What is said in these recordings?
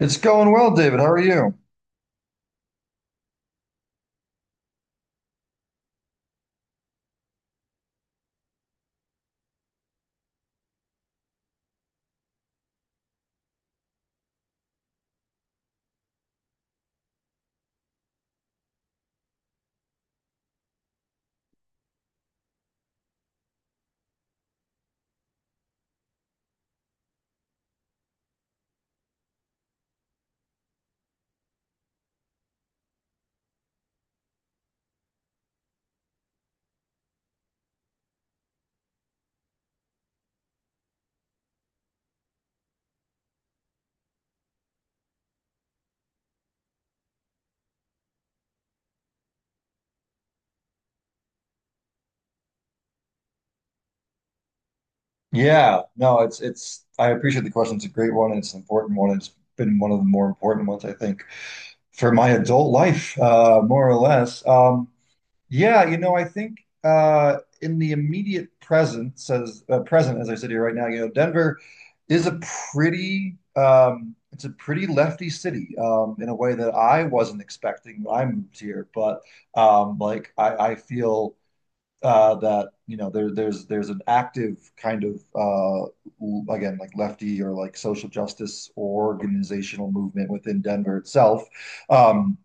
It's going well, David. How are you? Yeah, no, it's I appreciate the question. It's a great one. It's an important one. It's been one of the more important ones, I think, for my adult life, more or less. Yeah, you know, I think in the immediate present, says present, as I sit here right now, you know, Denver is a pretty lefty city in a way that I wasn't expecting when I moved here. But like I feel that you know there's an active kind of again like lefty or like social justice or organizational movement within Denver itself. Um,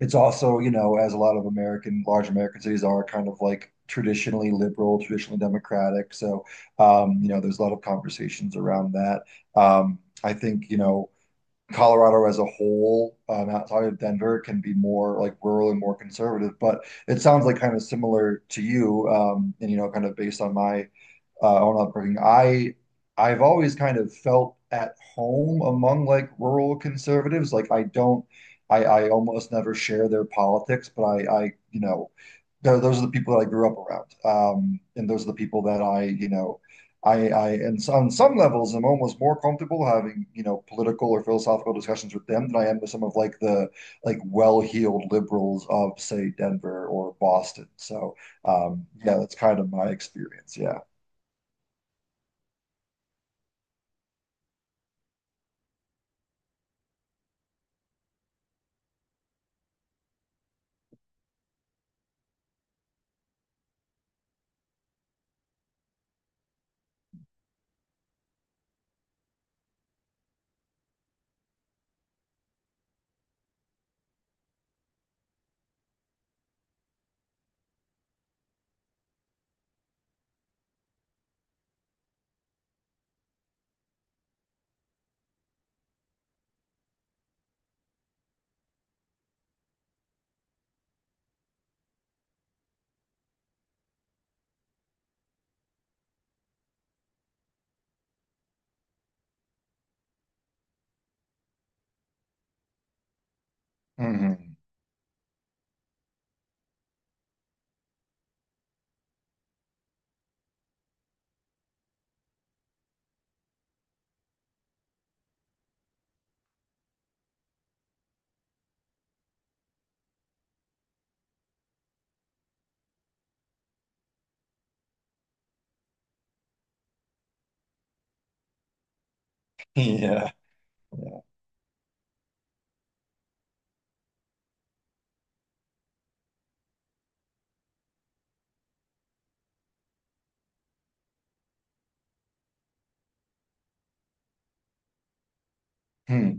it's also, you know, as a lot of American large American cities are, kind of like traditionally liberal, traditionally democratic. So you know, there's a lot of conversations around that. I think, you know, Colorado as a whole, outside of Denver, can be more like rural and more conservative. But it sounds like kind of similar to you, and you know, kind of based on my own upbringing. I've always kind of felt at home among like rural conservatives. Like I don't, I almost never share their politics, but I you know, they're, those are the people that I grew up around, and those are the people that I, you know, and so on some levels, I'm almost more comfortable having, you know, political or philosophical discussions with them than I am with some of like the well-heeled liberals of, say, Denver or Boston. So, yeah, that's kind of my experience. Yeah. Hmm. Yeah. Yeah. Hmm.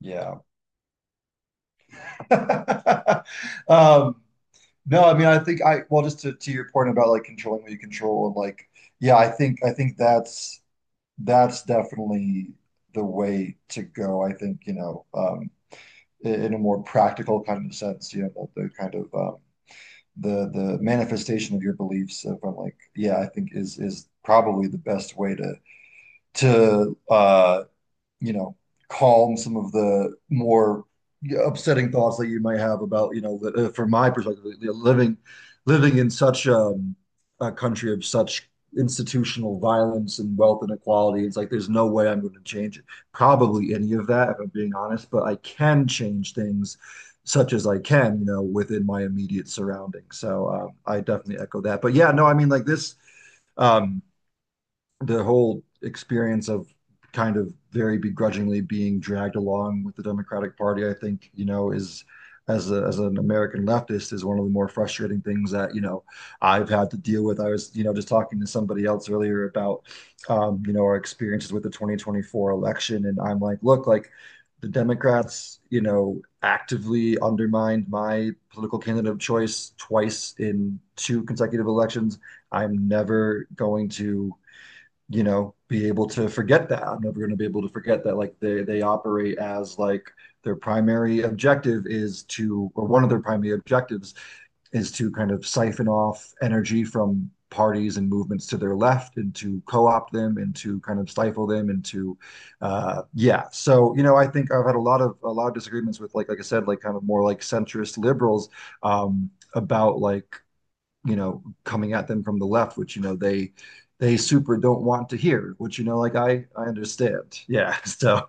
Yeah. Um, no, I mean, well, just to your point about like controlling what you control and like, yeah, I think that's definitely the way to go. I think, you know, in a more practical kind of sense, you know, the kind of the manifestation of your beliefs from like, yeah, I think is probably the best way to to uh you know, calm some of the more upsetting thoughts that you might have about, you know, from my perspective, living living in such a country of such institutional violence and wealth inequality. It's like there's no way I'm going to change it, probably any of that, if I'm being honest, but I can change things such as I can, you know, within my immediate surroundings. So I definitely echo that. But yeah, no, I mean, like this, um, the whole experience of kind of very begrudgingly being dragged along with the Democratic Party, I think, you know, is as an American leftist, is one of the more frustrating things that, you know, I've had to deal with. I was, you know, just talking to somebody else earlier about, you know, our experiences with the 2024 election. And I'm like, look, like the Democrats, you know, actively undermined my political candidate of choice twice in two consecutive elections. I'm never going to, you know, be able to forget that. I'm never going to be able to forget that. Like they operate as like their primary objective is to, or one of their primary objectives is to kind of siphon off energy from parties and movements to their left and to co-opt them and to kind of stifle them and to yeah, so you know, I think I've had a lot of disagreements with like I said, like kind of more like centrist liberals, about like, you know, coming at them from the left, which, you know, they super don't want to hear, which, you know, like I understand. Yeah. So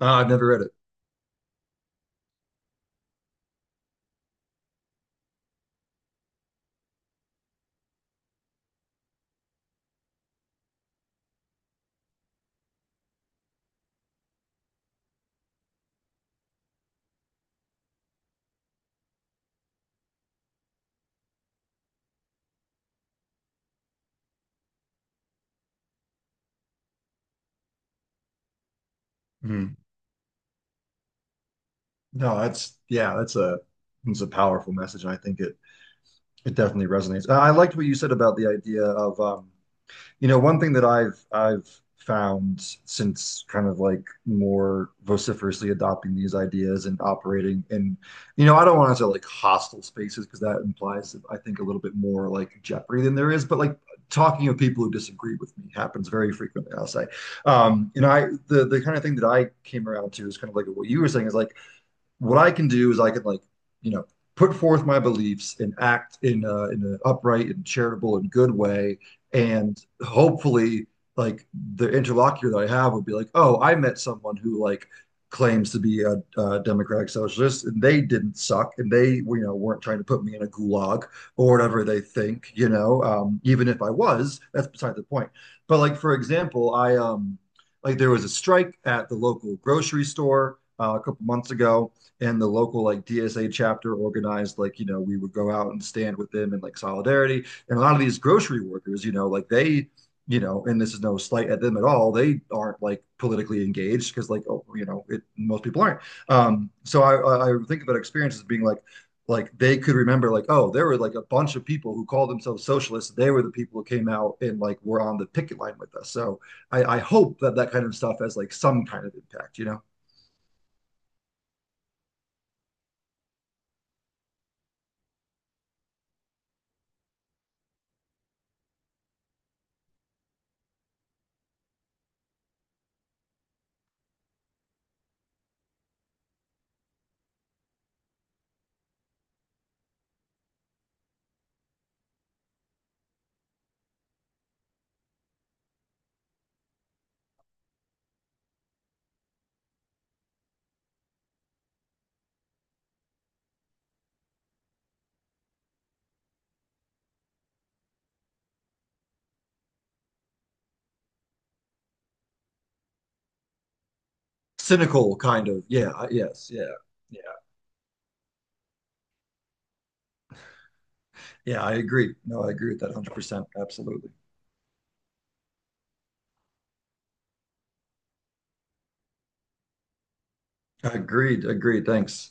I've never read it. Mhm. No, that's yeah, that's a it's a powerful message, and I think it definitely resonates. I liked what you said about the idea of you know, one thing that I've found since kind of like more vociferously adopting these ideas and operating in, you know, I don't want to say like hostile spaces, because that implies, I think, a little bit more like jeopardy than there is, but like talking of people who disagree with me happens very frequently, I'll say. And I the kind of thing that I came around to is kind of like what you were saying, is like what I can do is I can like, you know, put forth my beliefs and act in an upright and charitable and good way, and hopefully, like the interlocutor that I have would be like, oh, I met someone who like claims to be a democratic socialist and they didn't suck and they, you know, weren't trying to put me in a gulag or whatever they think, you know. Even if I was, that's beside the point. But like for example, I like there was a strike at the local grocery store a couple months ago, and the local like DSA chapter organized, like, you know, we would go out and stand with them in like solidarity. And a lot of these grocery workers, you know, like they, you know, and this is no slight at them at all, they aren't like politically engaged, because like, oh, you know, it most people aren't. So I think about experience as being like they could remember like, oh, there were like a bunch of people who called themselves socialists, they were the people who came out and like were on the picket line with us. So I hope that that kind of stuff has like some kind of impact, you know. Cynical kind of, yeah. Yes, yeah. Yeah, yeah, I agree. No, I agree with that 100%. Absolutely. Agreed, agreed. Thanks.